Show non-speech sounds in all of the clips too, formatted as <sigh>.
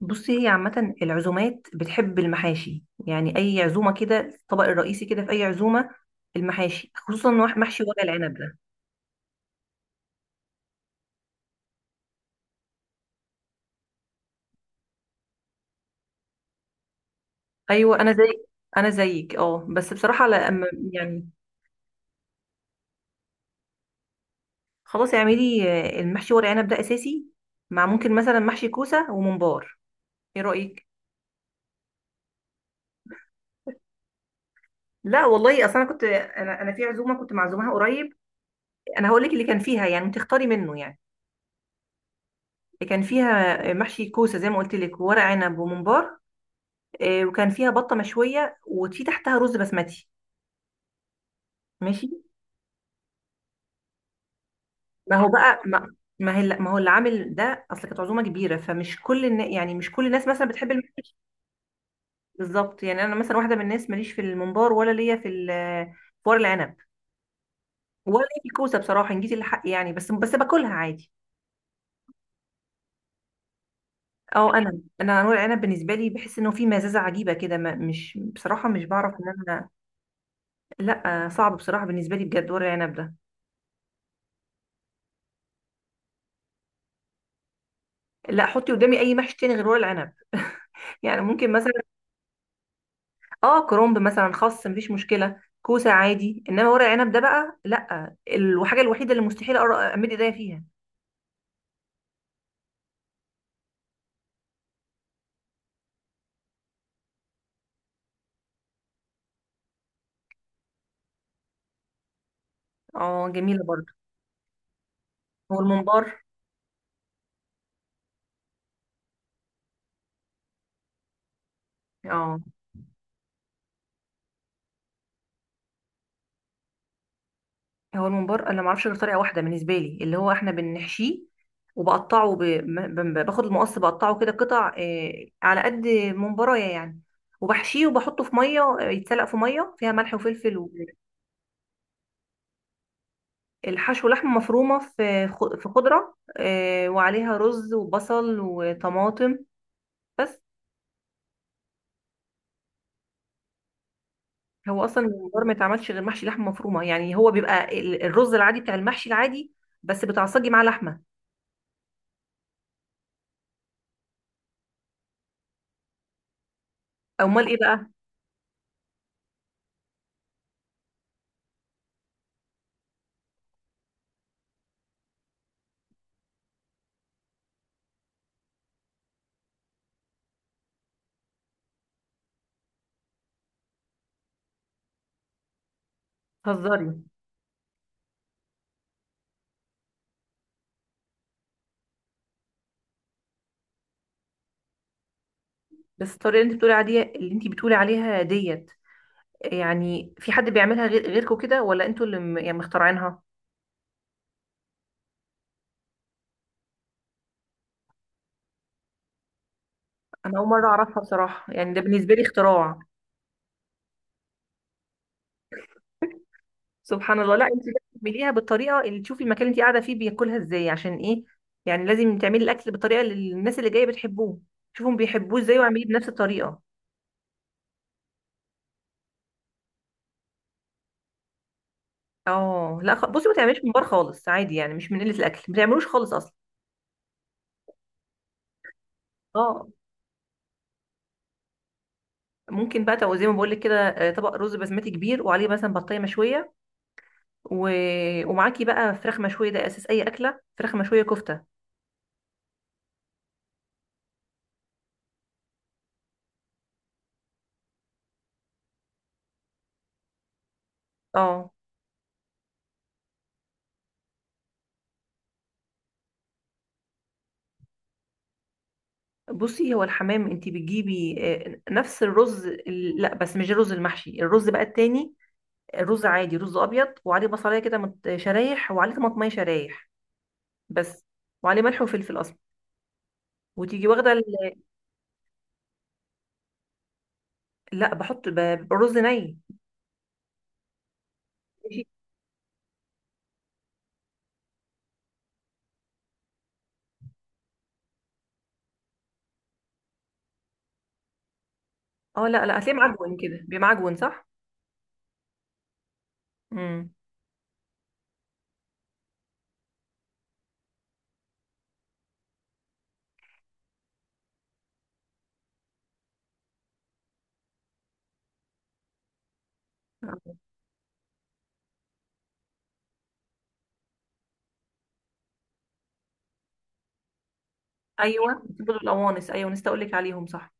بصي، هي عامة العزومات بتحب المحاشي، يعني أي عزومة كده الطبق الرئيسي كده في أي عزومة المحاشي. خصوصا محشي ورق العنب ده. أيوة، أنا زيك، أه، بس بصراحة لأ. يعني خلاص اعملي. المحشي ورق عنب ده أساسي، مع ممكن مثلا محشي كوسة وممبار. إيه رأيك؟ لا والله، أصل أنا في عزومة كنت معزومها قريب. أنا هقول لك اللي كان فيها، يعني تختاري منه يعني. اللي كان فيها محشي كوسة زي ما قلت لك، وورق عنب وممبار. وكان فيها بطه مشويه وفي تحتها رز بسمتي. ماشي. ما هو بقى ما ما هي ما هو اللي عامل ده، اصل كانت عزومه كبيره. فمش يعني مش كل الناس مثلا بتحب المحشي. بالظبط، يعني انا مثلا واحده من الناس ماليش في الممبار، ولا ليا في ورق العنب، ولا ليا في الكوسه بصراحه، ان جيت الحق يعني، بس باكلها عادي. او انا انا ورق العنب بالنسبه لي، بحس انه في مزازه عجيبه كده، مش بصراحه، مش بعرف ان انا. لا، صعب بصراحه بالنسبه لي بجد ورق العنب ده. لا، حطي قدامي اي محشي تاني غير ورق العنب <laughs> يعني ممكن مثلا اه كرومب مثلا، خس مفيش مشكله، كوسه عادي، انما ورق عنب ده بقى لا، الحاجه الوحيده اللي مستحيل امد ايديا فيها. اه جميله برضه. هو الممبار اه هو الممبار، انا ما اعرفش غير طريقه واحده بالنسبه لي، اللي هو احنا بنحشيه، وبقطعه باخد المقص بقطعه كده قطع، على قد ممبرايه يعني. وبحشيه وبحطه في ميه، يتسلق في ميه فيها ملح وفلفل. والحشو لحمه مفرومه في خضره، وعليها رز وبصل وطماطم بس. هو اصلا الممبار ما يتعملش غير محشي لحمه مفرومه، يعني هو بيبقى الرز العادي بتاع المحشي العادي، بس بتعصجي معاه لحمه. امال ايه بقى؟ هزاري. بس الطريقه اللي انت بتقولي عليها، اللي انت بتقولي عليها ديت، يعني في حد بيعملها غير غيركم كده، ولا انتوا يعني مخترعينها؟ انا اول مره اعرفها بصراحه، يعني ده بالنسبه لي اختراع. <laughs> سبحان الله. لا انت لازم تعمليها بالطريقه اللي تشوفي المكان اللي انت قاعده فيه بياكلها ازاي، عشان ايه؟ يعني لازم تعملي الاكل بالطريقه اللي الناس اللي جايه بتحبوه، شوفهم بيحبوه ازاي واعمليه بنفس الطريقه. اه. لا، بصي، ما تعمليش ممبار خالص عادي، يعني مش من قله الاكل، ما تعملوش خالص اصلا. اه، ممكن بقى زي ما بقول لك كده، طبق رز بسمتي كبير وعليه مثلا بطايه مشويه، و... ومعاكي بقى فراخ مشويه. ده اساس اي اكله، فراخ مشويه، كفته. اه. بصي هو الحمام انت بتجيبي نفس الرز لا بس مش الرز المحشي، الرز بقى التاني، الرز عادي، رز ابيض، وعليه بصلايه كده شرايح، وعليه طماطميه شرايح بس، وعليه ملح وفلفل اسمر. وتيجي واخده لا، بحط الرز ني. اه لا لا، هتلاقيه معجون كده بمعجون، صح؟ امم. ايوه، دول القوانص، ايوه نسيت اقول لك عليهم، صح.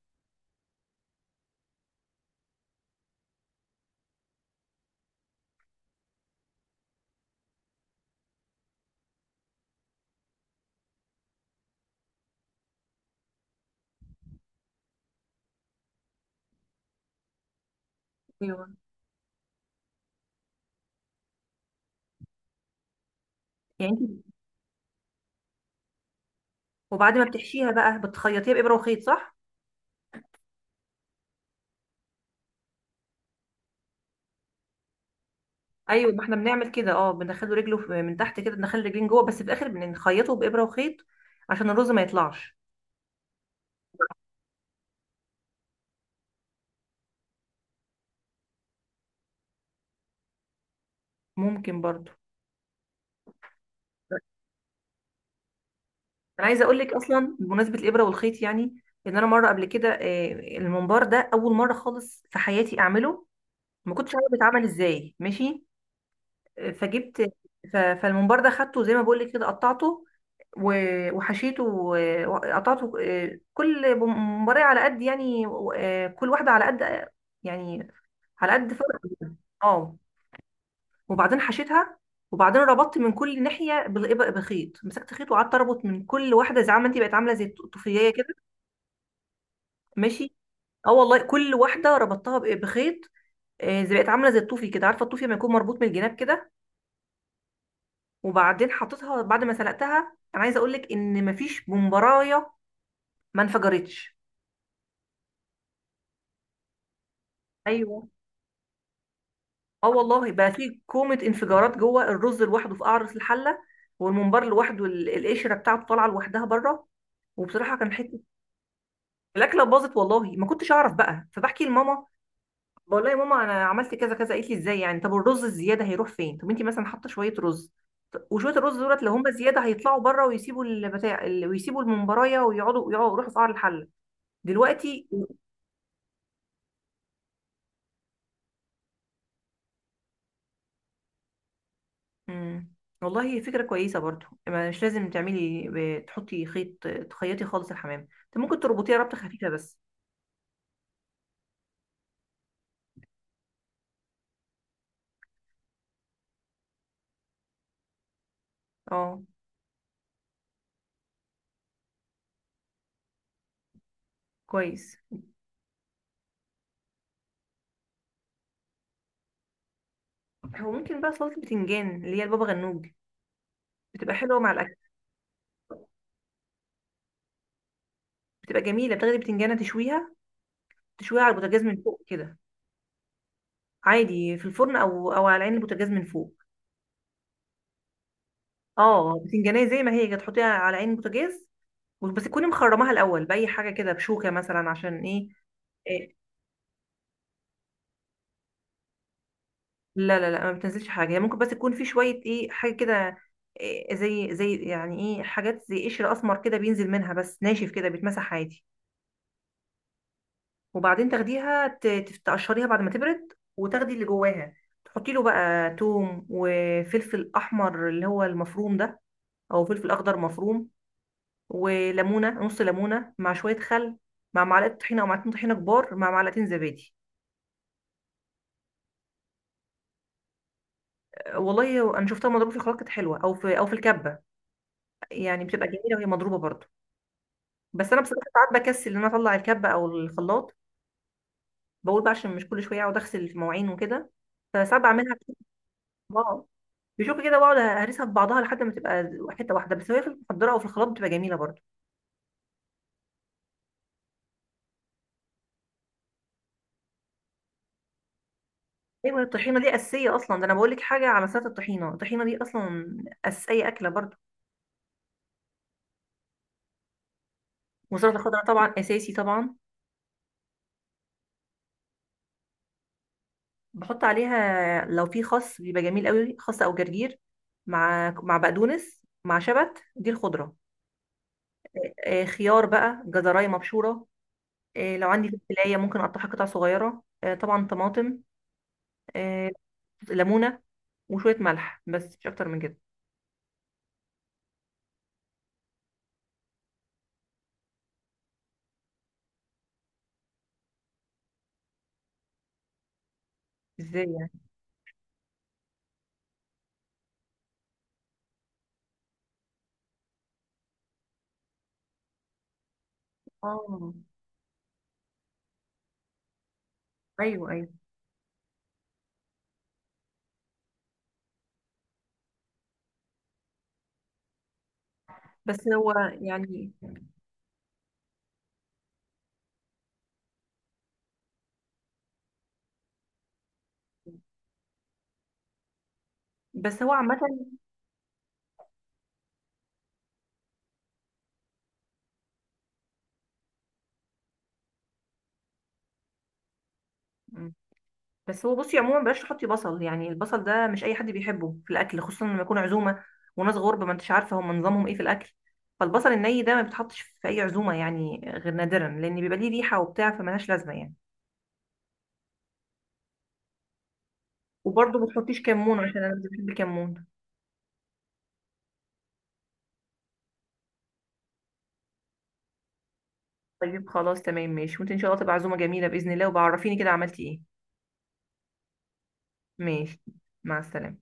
ايوه. يعني انت وبعد ما بتحشيها بقى بتخيطيها بابره وخيط، صح؟ ايوه، ما احنا بنعمل كده. اه، بندخله رجله من تحت كده، بندخل رجلين جوه، بس في الاخر بنخيطه بابره وخيط عشان الرز ما يطلعش. ممكن برضو. انا عايزه اقول لك اصلا بمناسبه الابره والخيط، يعني ان انا مره قبل كده، الممبار ده اول مره خالص في حياتي اعمله، ما كنتش عارفه بيتعمل ازاي، ماشي. فجبت، فالممبار ده خدته زي ما بقول لك كده، قطعته وحشيته وقطعته، كل ممبارية على قد يعني، كل واحدة على قد يعني، على قد فرق. اه. وبعدين حشيتها، وبعدين ربطت من كل ناحية بخيط، مسكت خيط وقعدت اربط من كل واحدة، زي عم انت بقت عاملة زي الطوفية كده. ماشي. اه والله، كل واحدة ربطتها بخيط، زي بقت عاملة زي الطوفي كده، عارفة الطوفي لما يكون مربوط من الجناب كده. وبعدين حطيتها بعد ما سلقتها، انا عايزه اقول لك ان مفيش بمبرايه ما انفجرتش. ايوه. اه والله بقى، في كومه انفجارات جوه، الرز لوحده في قعر الحله، والممبار لوحده، القشره بتاعته طالعه لوحدها بره. وبصراحه كان حته، الاكله باظت والله، ما كنتش اعرف بقى، فبحكي لماما، بقول لها يا ماما انا عملت كذا كذا، قالت لي ازاي يعني؟ طب الرز الزياده هيروح فين؟ طب انت مثلا حاطه شويه رز، وشويه الرز دولت لو هم زياده هيطلعوا بره، ويسيبوا البتاع ويسيبوا الممبرايه، ويقعدوا يروحوا في قعر الحله. دلوقتي. امم. والله هي فكرة كويسة برضو، ما مش لازم تعملي تحطي خيط تخيطي خالص الحمام، انت ممكن تربطيها ربطة خفيفة بس. اه كويس. هو ممكن بقى سلطة البتنجان اللي هي البابا غنوج، بتبقى حلوة مع الأكل. بتبقى جميلة، بتاخدي بتنجانة تشويها، تشويها على البوتاجاز من فوق كده، عادي في الفرن أو على عين البوتاجاز من فوق. اه، بتنجانية زي ما هي كده تحطيها على عين البوتاجاز، بس تكوني مخرماها الأول بأي حاجة كده بشوكة مثلا، عشان ايه؟ آه، لا لا لا، ما بتنزلش حاجه، هي ممكن بس تكون في شويه ايه حاجه كده، إيه، زي يعني ايه، حاجات زي قشر اسمر كده بينزل منها بس ناشف كده بيتمسح عادي. وبعدين تاخديها تقشريها بعد ما تبرد، وتاخدي اللي جواها، تحطي له بقى توم وفلفل احمر اللي هو المفروم ده، او فلفل اخضر مفروم، وليمونه، نص ليمونه، مع شويه خل، مع معلقه طحينه او معلقتين طحينه كبار، مع معلقتين زبادي. والله انا شفتها مضروبه في خلاط كانت حلوه، او في الكبه، يعني بتبقى جميله وهي مضروبه برضه. بس انا بصراحه ساعات بكسل ان انا اطلع الكبه او الخلاط، بقول بقى عشان مش كل شويه اقعد اغسل المواعين وكده، فساعات بعملها. اه. بشوف كده، بقعد هرسها في بعضها لحد ما تبقى حته واحده، بس هي في المحضره او في الخلاط بتبقى جميله برضه. ايوه، الطحينه دي اساسيه اصلا، ده انا بقول لك حاجه على سلطه الطحينه، الطحينه دي اصلا اساسيه اكله برضه. وسلطه الخضره طبعا اساسي طبعا. بحط عليها لو في خس بيبقى جميل قوي، خس او جرجير، مع بقدونس مع شبت، دي الخضره. خيار بقى، جزرايه مبشوره، لو عندي فلفلاية ممكن اقطعها قطع صغيرة، طبعا طماطم، آه، ليمونة، وشوية ملح بس مش اكتر من كده. ازاي يعني؟ اه. ايوه ايوه. بس هو يعني بس هو عامة. مم. بس هو بصي عموما، بلاش تحطي بصل، يعني البصل ده مش اي حد بيحبه في الاكل، خصوصا لما يكون عزومة وناس غرب ما انتش عارفة هم نظامهم ايه في الاكل، فالبصل الني ده ما بيتحطش في اي عزومة، يعني غير نادرا، لان بيبقى ليه ريحة وبتاع، فملهاش لازمة يعني. وبرضه ما تحطيش كمون عشان انا مش بحب الكمون. طيب خلاص تمام ماشي، وانت ان شاء الله تبقى عزومة جميلة بإذن الله، وبعرفيني كده عملتي ايه. ماشي. مع السلامة.